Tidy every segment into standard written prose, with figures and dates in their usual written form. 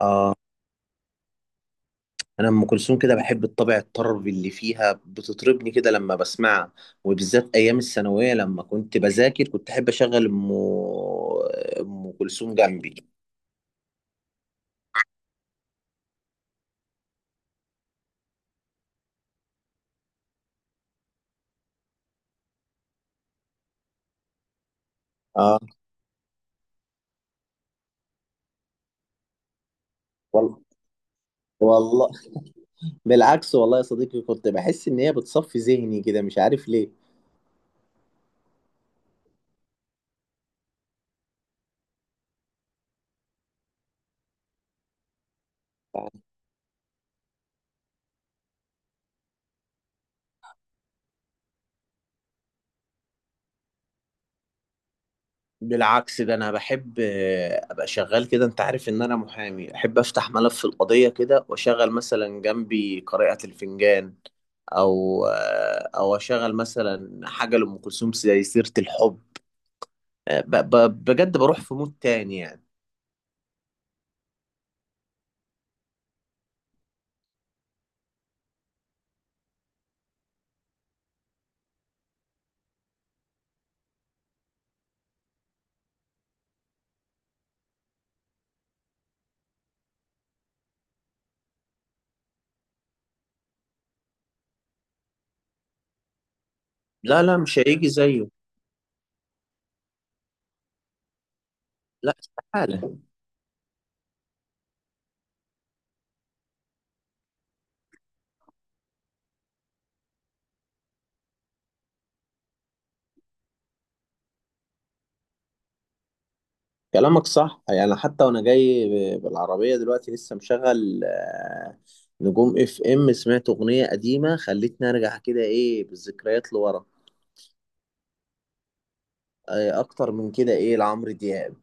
آه، أنا أم كلثوم كده بحب الطابع الطربي اللي فيها بتطربني كده لما بسمعها. وبالذات أيام الثانوية لما كنت بذاكر كنت أحب أشغل أم كلثوم جنبي. آه، والله، والله، بالعكس والله يا صديقي كنت بحس إن هي بتصفي ذهني كده، مش عارف ليه. بالعكس ده انا بحب ابقى شغال كده. انت عارف ان انا محامي، احب افتح ملف القضية كده واشغل مثلا جنبي قارئة الفنجان، او او اشغل مثلا حاجه لام كلثوم زي سيره الحب. بجد بروح في مود تاني يعني. لا لا، مش هيجي زيه. لا استحاله. كلامك صح يعني، حتى وانا جاي بالعربيه دلوقتي لسه مشغل نجوم اف ام، سمعت اغنيه قديمه خلتني ارجع كده، ايه، بالذكريات لورا. اكتر من كده، ايه، لعمرو دياب.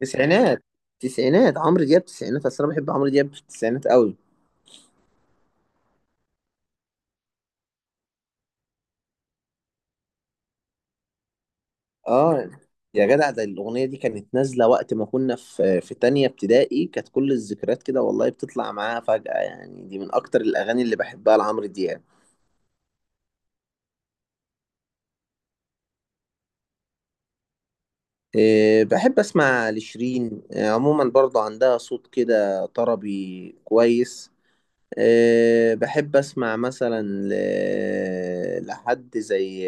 تسعينات تسعينات. عمرو دياب تسعينات، اصل انا بحب عمرو دياب في التسعينات قوي. اه، يا جدع، ده الاغنيه دي كانت نازله وقت ما كنا في تانية ابتدائي. كانت كل الذكريات كده والله بتطلع معاها فجأة يعني، دي من اكتر الاغاني اللي بحبها لعمرو دياب. إيه، بحب اسمع لشيرين. إيه، عموما برضو عندها صوت كده طربي كويس. إيه، بحب اسمع مثلا لحد زي،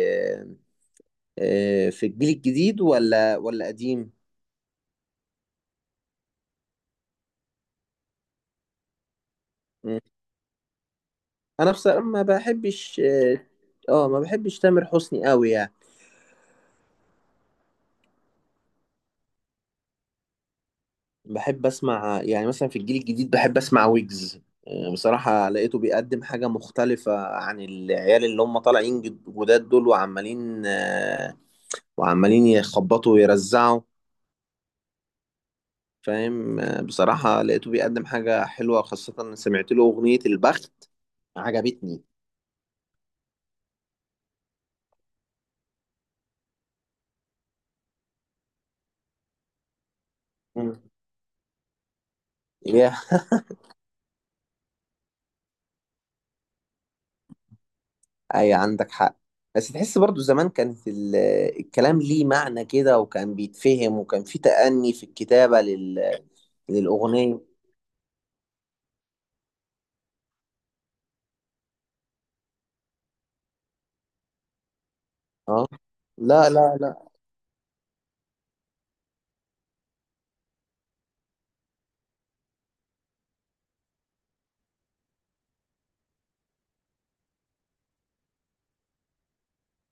إيه، في الجيل الجديد ولا قديم. مم. انا بصراحة ما بحبش تامر حسني قوي يعني. بحب اسمع يعني مثلا في الجيل الجديد بحب اسمع ويجز. بصراحة لقيته بيقدم حاجة مختلفة عن العيال اللي هم طالعين جداد دول، وعمالين يخبطوا ويرزعوا. فاهم. بصراحة لقيته بيقدم حاجة حلوة، خاصة إن سمعت له أغنية البخت، عجبتني. مم. يا أي، عندك حق. بس تحس برضو زمان كانت الكلام ليه معنى كده، وكان بيتفهم، وكان في تأني في الكتابة للأغنية. اه، لا لا لا.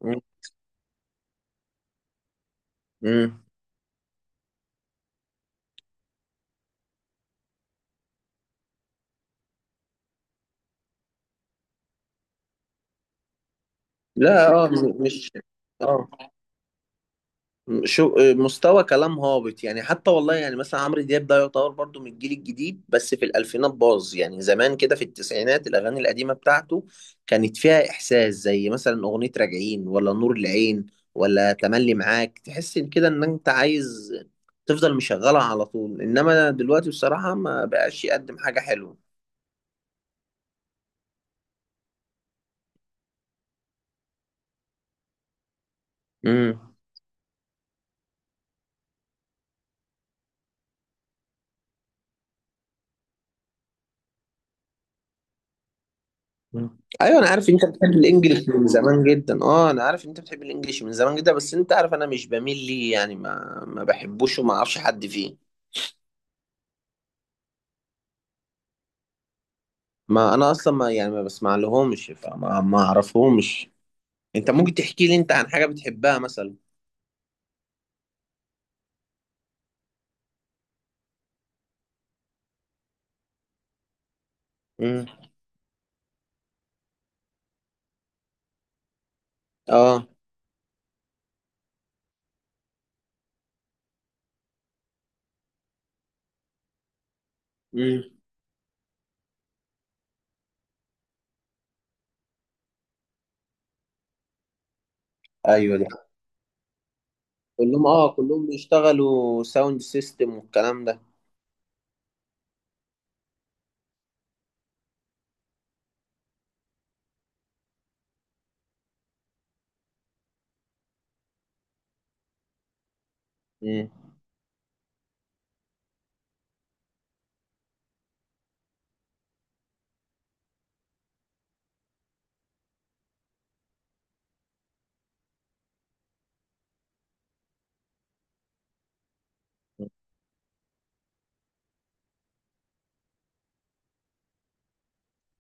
مم. مم. لا، مش اه شو، مستوى كلام هابط يعني. حتى والله، يعني مثلا عمرو دياب ده يعتبر برضو من الجيل الجديد، بس في الألفينات باظ يعني. زمان كده في التسعينات، الأغاني القديمة بتاعته كانت فيها إحساس، زي مثلا أغنية راجعين ولا نور العين ولا تملي معاك، تحس إن كده إن أنت عايز تفضل مشغلها على طول. إنما دلوقتي بصراحة ما بقاش يقدم حاجة حلوة. مم. مم. ايوه، انا عارف انت بتحب الانجليش من زمان جدا. اه، انا عارف انت بتحب الانجليش من زمان جدا، بس انت عارف انا مش بميل ليه يعني، ما بحبوش وما اعرفش حد فيه. ما انا اصلا ما يعني ما بسمع لهمش، فما ما اعرفهمش. انت ممكن تحكي لي، انت، عن حاجه بتحبها مثلا؟ امم. اه. امم. ايوه دي، كلهم بيشتغلوا ساوند سيستم والكلام ده.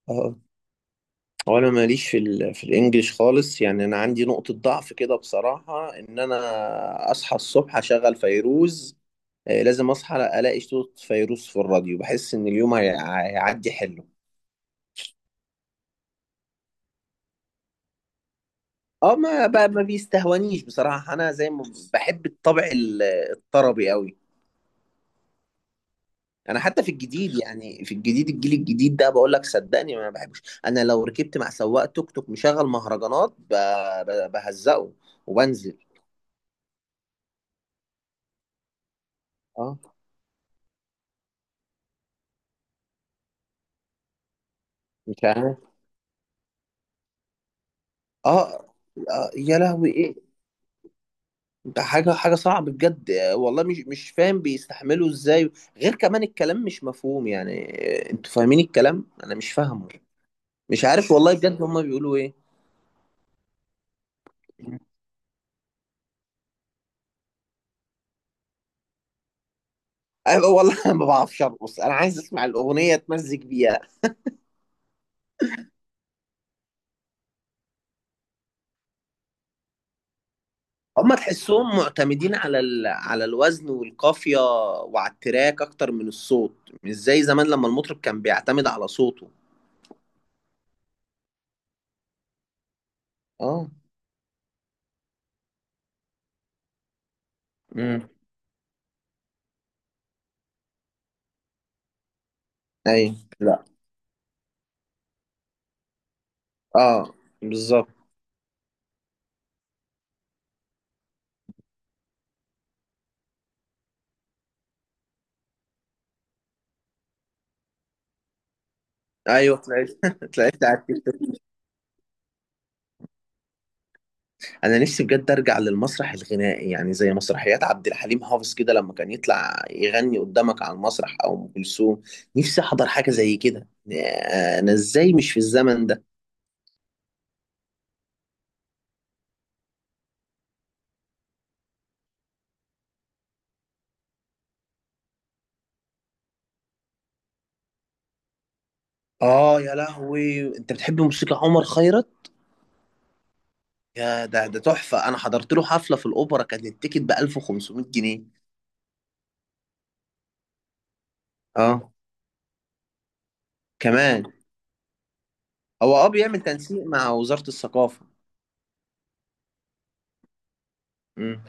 امم. هو انا ماليش في الانجليش خالص يعني. انا عندي نقطة ضعف كده بصراحة، ان انا اصحى الصبح اشغل فيروز. لازم اصحى الاقي صوت فيروز في الراديو، بحس ان اليوم هيعدي حلو. اه، ما بيستهونيش بصراحة. انا زي ما بحب الطبع الطربي قوي. انا حتى في الجديد يعني، في الجديد الجيل الجديد ده، بقول لك صدقني ما بحبش. انا لو ركبت مع سواق توك توك مشغل مهرجانات، بهزقه وبنزل. اه، مش عارف. اه، يا لهوي، ايه ده؟ حاجه، حاجه صعبه بجد. والله مش فاهم بيستحملوا ازاي. غير كمان الكلام مش مفهوم يعني. انتوا فاهمين الكلام، انا مش فاهمه. مش عارف والله بجد هما بيقولوا ايه. أيوة والله، انا ما بعرفش ارقص، انا عايز اسمع الاغنيه اتمزج بيها. هما تحسهم معتمدين على الوزن والقافيه، وعلى التراك اكتر من الصوت، مش زي زمان لما المطرب كان بيعتمد على صوته. اه. امم. ايوه، لا. اه، بالظبط. ايوه، طلعت طلعت على التيك. انا نفسي بجد ارجع للمسرح الغنائي، يعني زي مسرحيات عبد الحليم حافظ كده، لما كان يطلع يغني قدامك على المسرح، او ام كلثوم. نفسي احضر حاجه زي كده. انا ازاي مش في الزمن ده؟ اه، يا لهوي، انت بتحب موسيقى عمر خيرت؟ يا، ده تحفه، انا حضرت له حفله في الاوبرا، كان التيكت ب 1500 جنيه. اه، كمان. هو، بيعمل تنسيق مع وزاره الثقافه. مم.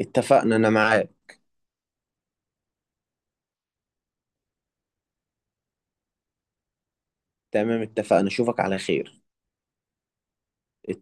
اتفقنا، انا معاك. تمام اتفقنا، اشوفك على خير.